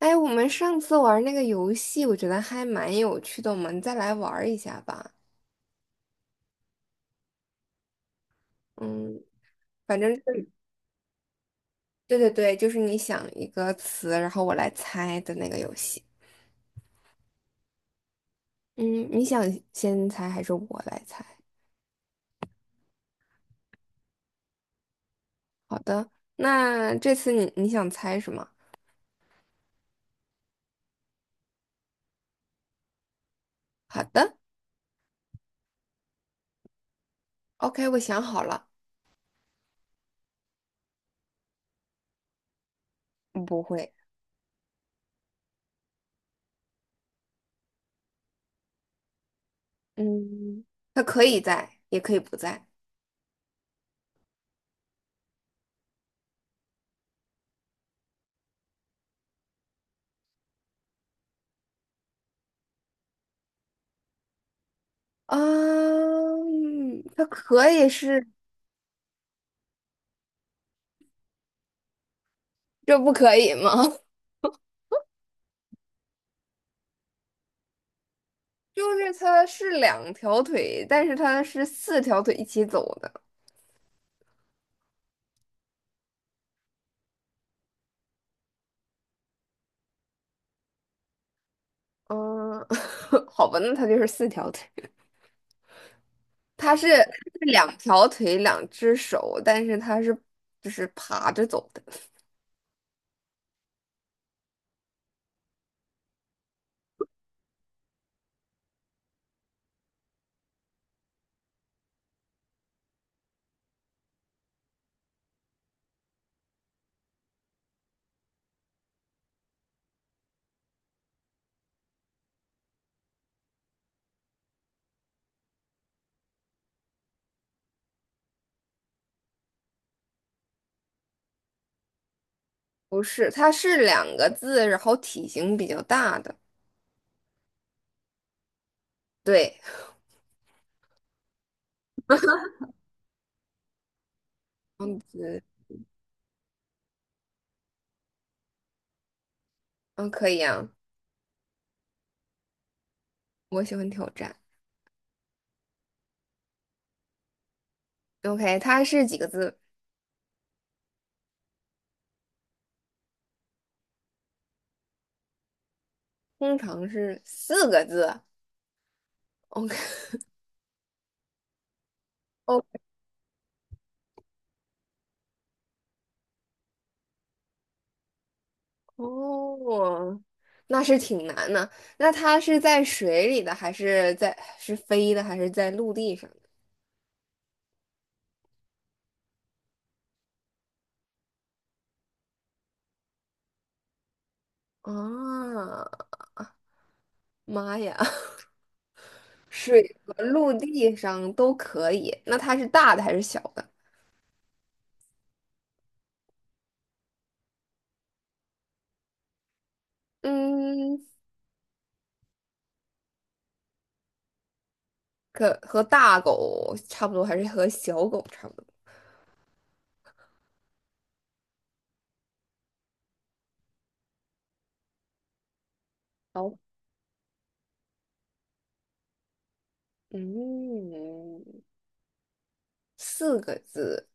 哎，我们上次玩那个游戏，我觉得还蛮有趣的，我们再来玩儿一下吧。嗯，反正就是对对对，就是你想一个词，然后我来猜的那个游戏。嗯，你想先猜还是我来猜？好的，那这次你想猜什么？好的，OK，我想好了。嗯不会，嗯，他可以在，也可以不在。啊，嗯它可以是，这不可以吗？就是它是两条腿，但是它是四条腿一起走的。嗯，好吧，那它就是四条腿。它是两条腿，两只手，但是它是就是爬着走的，不是，它是两个字，然后体型比较大的。对，嗯子嗯，可以啊，我喜欢挑战。OK，它是几个字？通常是四个字。OK，OK，哦，那是挺难的。那它是在水里的，还是在是飞的，还是在陆地上的？啊，妈呀，水和陆地上都可以。那它是大的还是小的？嗯，可和大狗差不多，还是和小狗差不多？好，嗯，四个字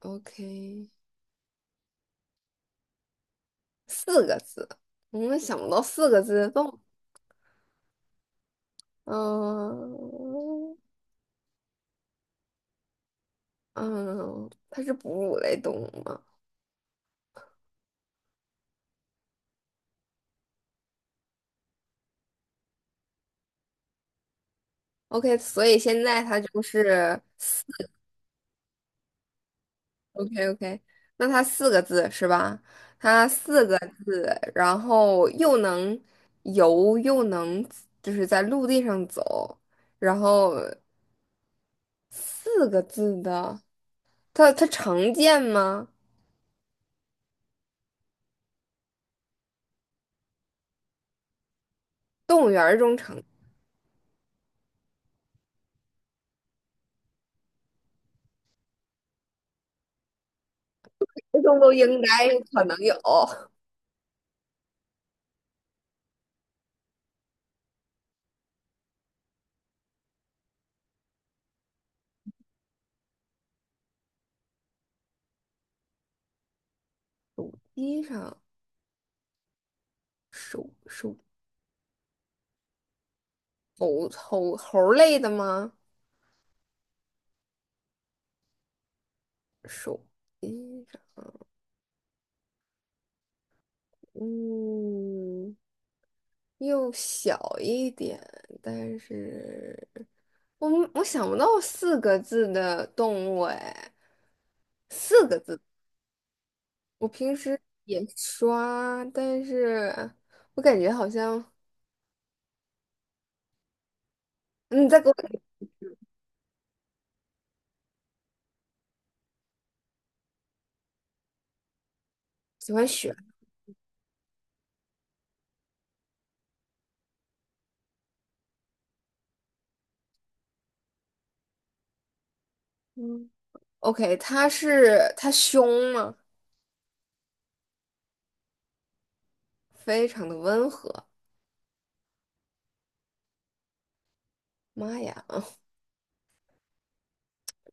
，OK，四个字。我们想不到四个字的动物嗯。嗯，它是哺乳类动物吗？OK，所以现在它就是四，OK OK，那它四个字是吧？它四个字，然后又能游又能就是在陆地上走，然后四个字的，它常见吗？种都应该可能有，地上手猴类的吗？手地上，嗯。又小一点，但是我想不到四个字的动物哎，四个字，我平时也刷，但是我感觉好像嗯你再给我喜欢选，嗯，OK，它是它凶吗？非常的温和，妈呀！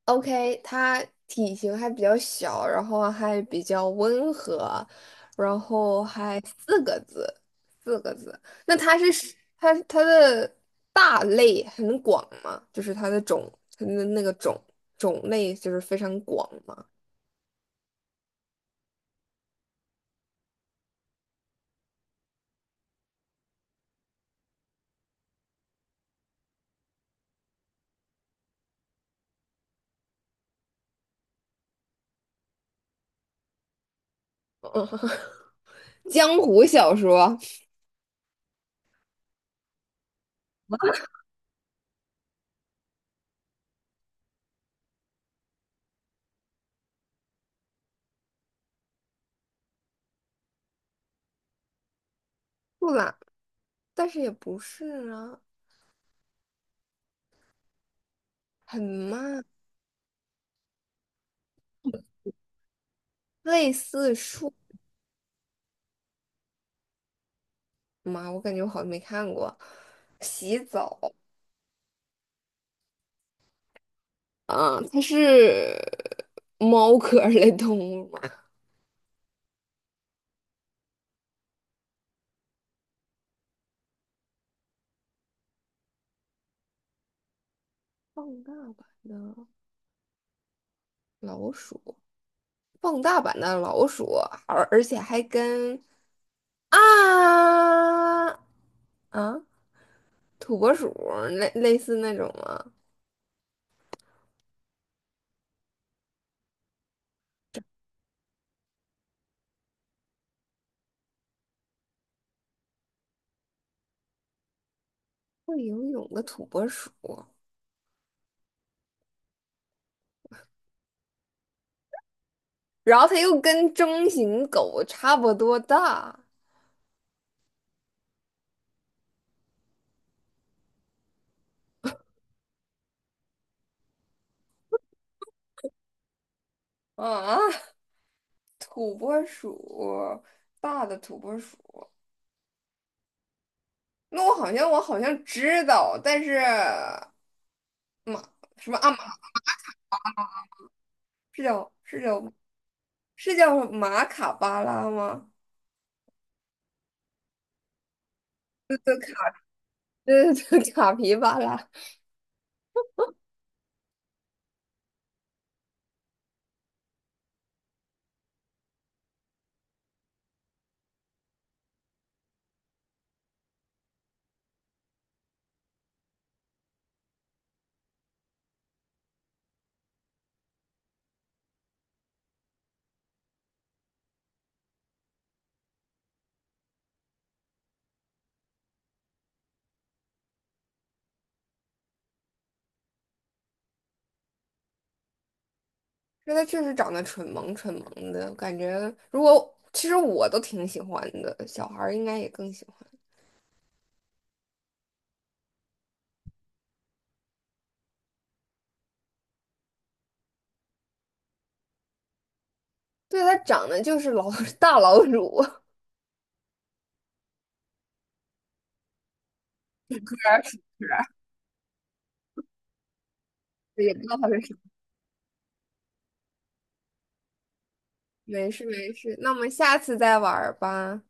OK，它体型还比较小，然后还比较温和，然后还四个字，四个字。那它是它的大类很广吗？就是它的种，它的那个种类就是非常广吗？江湖小说，不啦，但是也不是啊，很慢，类似树吗？我感觉我好像没看过。洗澡，啊，它是猫科儿类动物吗？放大版的老鼠，放大版的老鼠，而且还跟啊啊土拨鼠类似那种吗？会游泳的土拨鼠，然后它又跟中型狗差不多大啊，土拨鼠，大的土拨鼠。那我好像知道，但是。马什么阿？是叫是叫是叫马卡巴拉吗？对对对，卡皮巴拉。因为它确实长得蠢萌蠢萌的，感觉如果其实我都挺喜欢的，小孩儿应该也更喜欢。对，它长得就是老 大老鼠。也不知道它是啥。没事没事，那我们下次再玩儿吧。